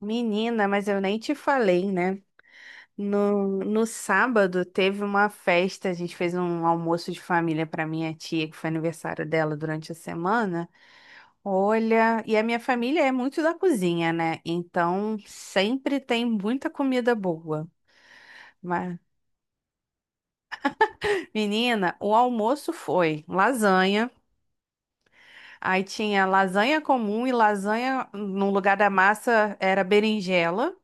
Menina, mas eu nem te falei, né? No sábado teve uma festa, a gente fez um almoço de família para minha tia, que foi aniversário dela durante a semana. Olha, e a minha família é muito da cozinha, né? Então sempre tem muita comida boa. Mas, menina, o almoço foi lasanha, aí tinha lasanha comum e lasanha, no lugar da massa era berinjela.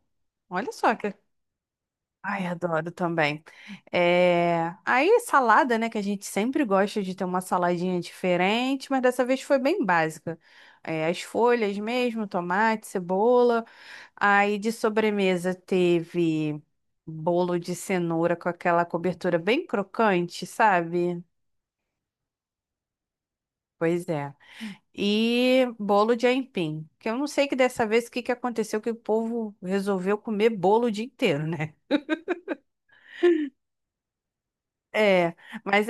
Olha só que ai, adoro também. Aí, salada, né? Que a gente sempre gosta de ter uma saladinha diferente, mas dessa vez foi bem básica. É, as folhas mesmo, tomate, cebola. Aí, de sobremesa, teve bolo de cenoura com aquela cobertura bem crocante, sabe? Pois é. E bolo de aipim. Que eu não sei que dessa vez o que que aconteceu que o povo resolveu comer bolo o dia inteiro, né? É, mas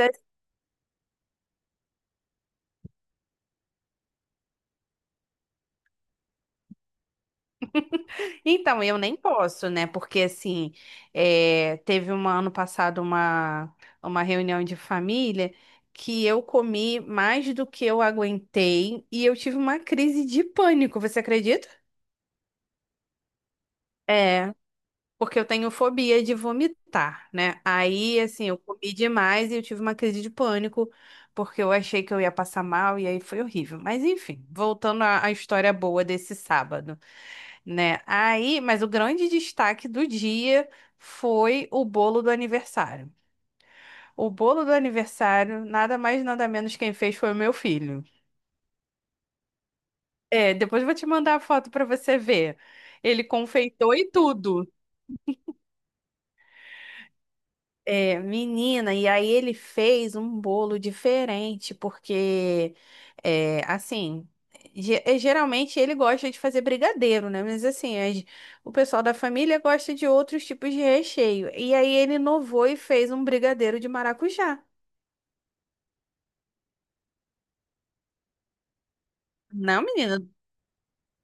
então, eu nem posso, né? Porque assim, teve um ano passado uma reunião de família que eu comi mais do que eu aguentei e eu tive uma crise de pânico, você acredita? É. Porque eu tenho fobia de vomitar, né? Aí, assim, eu comi demais e eu tive uma crise de pânico, porque eu achei que eu ia passar mal e aí foi horrível. Mas, enfim, voltando à história boa desse sábado, né? Aí, mas o grande destaque do dia foi o bolo do aniversário. O bolo do aniversário, nada mais, nada menos quem fez foi o meu filho. É, depois eu vou te mandar a foto para você ver. Ele confeitou e tudo. É, menina, e aí ele fez um bolo diferente, porque, assim, geralmente ele gosta de fazer brigadeiro, né? Mas, assim, o pessoal da família gosta de outros tipos de recheio. E aí ele inovou e fez um brigadeiro de maracujá. Não, menina,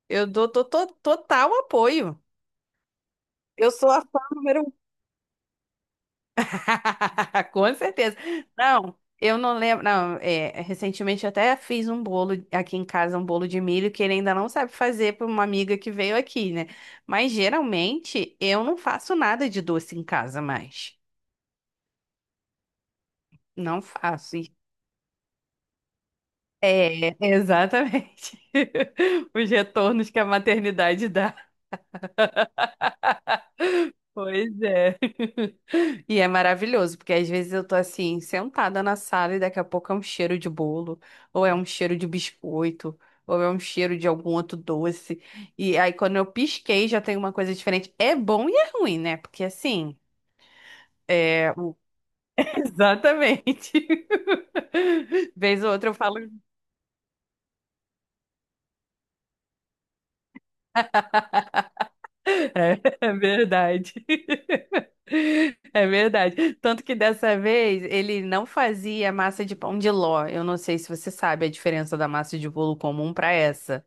eu dou total apoio. Eu sou a fã número Com certeza. Não, eu não lembro. Não, é, recentemente eu até fiz um bolo aqui em casa, um bolo de milho, que ele ainda não sabe fazer para uma amiga que veio aqui, né? Mas geralmente eu não faço nada de doce em casa mais. Não faço. E- É, exatamente. Os retornos que a maternidade dá. Pois é. E é maravilhoso, porque às vezes eu tô assim, sentada na sala e daqui a pouco é um cheiro de bolo, ou é um cheiro de biscoito, ou é um cheiro de algum outro doce. E aí quando eu pisquei já tem uma coisa diferente. É bom e é ruim, né? Porque assim, é... o- Exatamente. Vez ou outra eu falo, é, é verdade. É verdade. Tanto que dessa vez ele não fazia massa de pão de ló. Eu não sei se você sabe a diferença da massa de bolo comum para essa.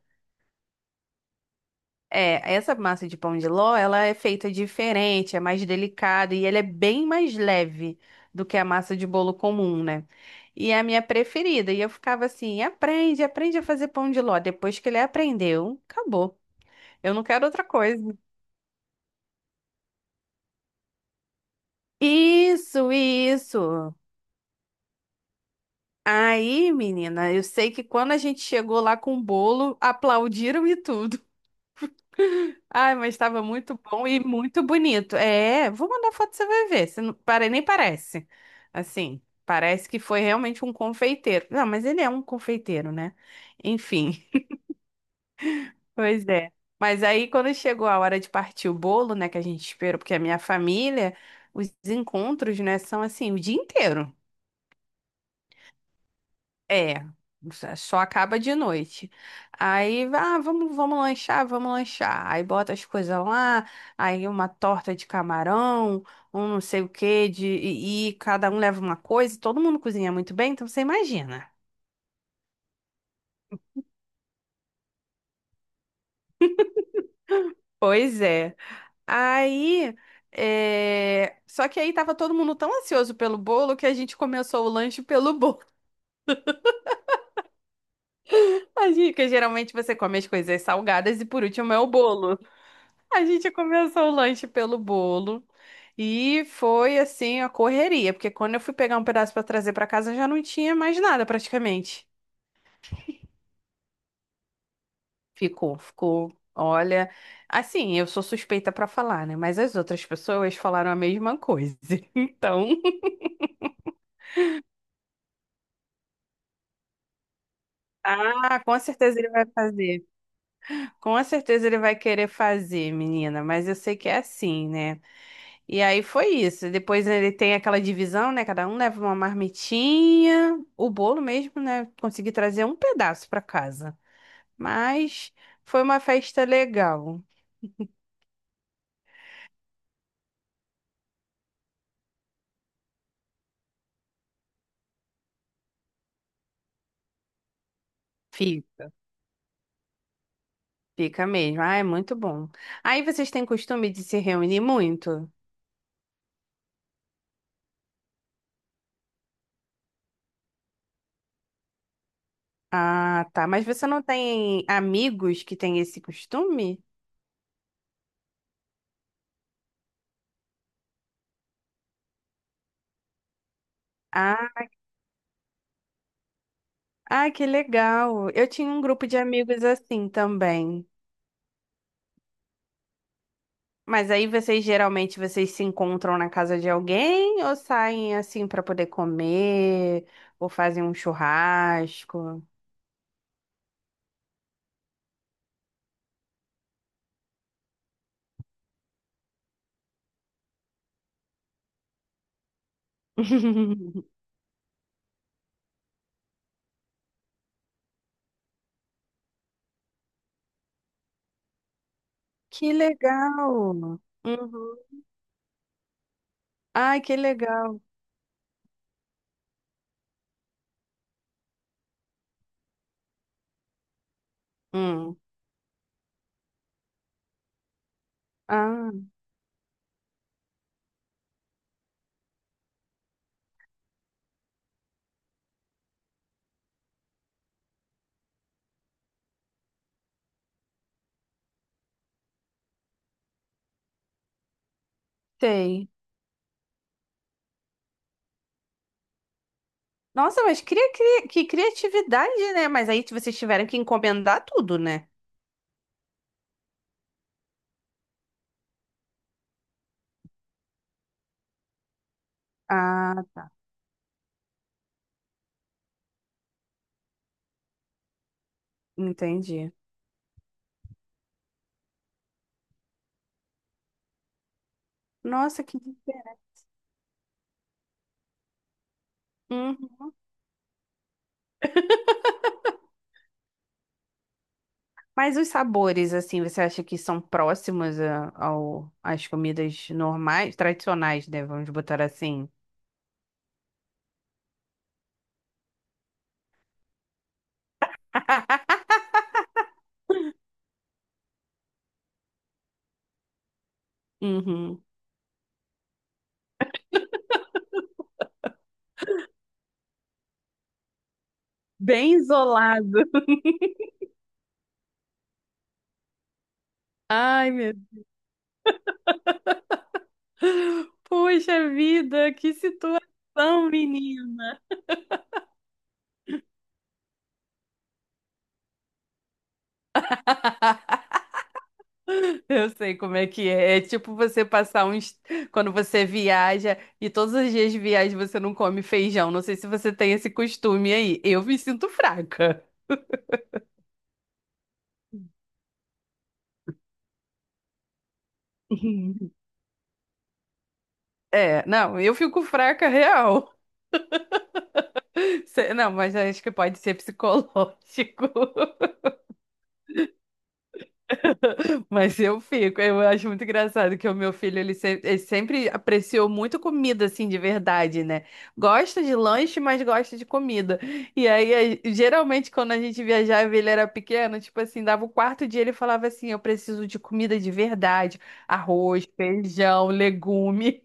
É, essa massa de pão de ló, ela é feita diferente, é mais delicada e ela é bem mais leve do que a massa de bolo comum, né? E é a minha preferida. E eu ficava assim, aprende, aprende a fazer pão de ló. Depois que ele aprendeu, acabou. Eu não quero outra coisa. Isso, isso. Aí, menina, eu sei que quando a gente chegou lá com o bolo, aplaudiram e tudo. Ai, mas estava muito bom e muito bonito. É, vou mandar foto, você vai ver. Você não, nem parece. Assim, parece que foi realmente um confeiteiro. Não, mas ele é um confeiteiro, né? Enfim, pois é. Mas aí, quando chegou a hora de partir o bolo, né, que a gente esperou, porque é a minha família, os encontros, né, são assim, o dia inteiro. É, só acaba de noite. Aí, ah, vamos, vamos lanchar, vamos lanchar. Aí bota as coisas lá, aí uma torta de camarão, um não sei o quê, e cada um leva uma coisa, todo mundo cozinha muito bem, então você imagina. Pois é. Aí, é, só que aí tava todo mundo tão ansioso pelo bolo que a gente começou o lanche pelo bolo. Porque geralmente você come as coisas salgadas e por último é o bolo. A gente começou o lanche pelo bolo e foi assim a correria, porque quando eu fui pegar um pedaço para trazer para casa já não tinha mais nada praticamente. Ficou, ficou. Olha, assim, eu sou suspeita para falar, né? Mas as outras pessoas falaram a mesma coisa. Então, ah, com certeza ele vai fazer. Com certeza ele vai querer fazer, menina, mas eu sei que é assim, né? E aí foi isso. Depois ele tem aquela divisão, né? Cada um leva uma marmitinha. O bolo mesmo, né? Consegui trazer um pedaço pra casa. Mas foi uma festa legal. Fi- Fica mesmo. Ah, é muito bom. Aí vocês têm costume de se reunir muito? Ah, tá. Mas você não tem amigos que têm esse costume? Ah, ah, que legal. Eu tinha um grupo de amigos assim também. Mas aí vocês geralmente vocês se encontram na casa de alguém ou saem assim para poder comer ou fazem um churrasco? Que legal! Uhum. Ai, que legal! Hum. Ah, sei. Nossa, mas que criatividade, né? Mas aí vocês tiveram que encomendar tudo, né? Ah, entendi. Nossa, que diferente. Mas os sabores, assim, você acha que são próximos ao, às comidas normais, tradicionais, né? Vamos botar assim. Uhum. Bem isolado. Ai, meu. Puxa vida, que situação, menina. Eu sei como é que é. É tipo você passar uns. Quando você viaja e todos os dias de viagem você não come feijão. Não sei se você tem esse costume aí. Eu me sinto fraca. É, não, eu fico fraca real. Não, mas acho que pode ser psicológico. Mas eu fico, eu acho muito engraçado que o meu filho, ele, ele sempre apreciou muito comida, assim, de verdade, né? Gosta de lanche, mas gosta de comida. E aí, geralmente, quando a gente viajava, e ele era pequeno, tipo assim, dava o quarto dia, ele falava assim, eu preciso de comida de verdade, arroz, feijão, legume.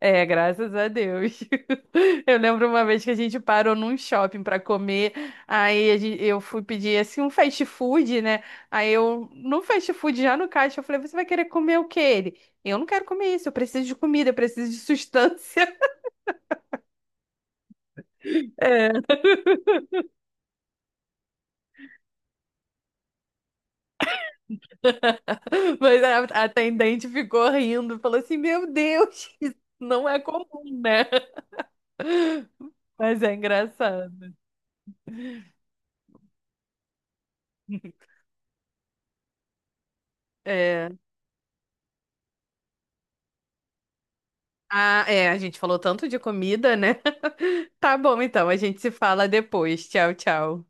É, graças a Deus. Eu lembro uma vez que a gente parou num shopping para comer, aí eu fui pedir assim um fast food, né? Aí eu, no fast food, já no caixa, eu falei: Você vai querer comer o que Ele, eu não quero comer isso, eu preciso de comida, eu preciso de sustância. É. Mas a atendente ficou rindo, falou assim: Meu Deus, isso não é comum, né? Mas é engraçado. É. Ah, é, a gente falou tanto de comida, né? Tá bom, então, a gente se fala depois. Tchau, tchau.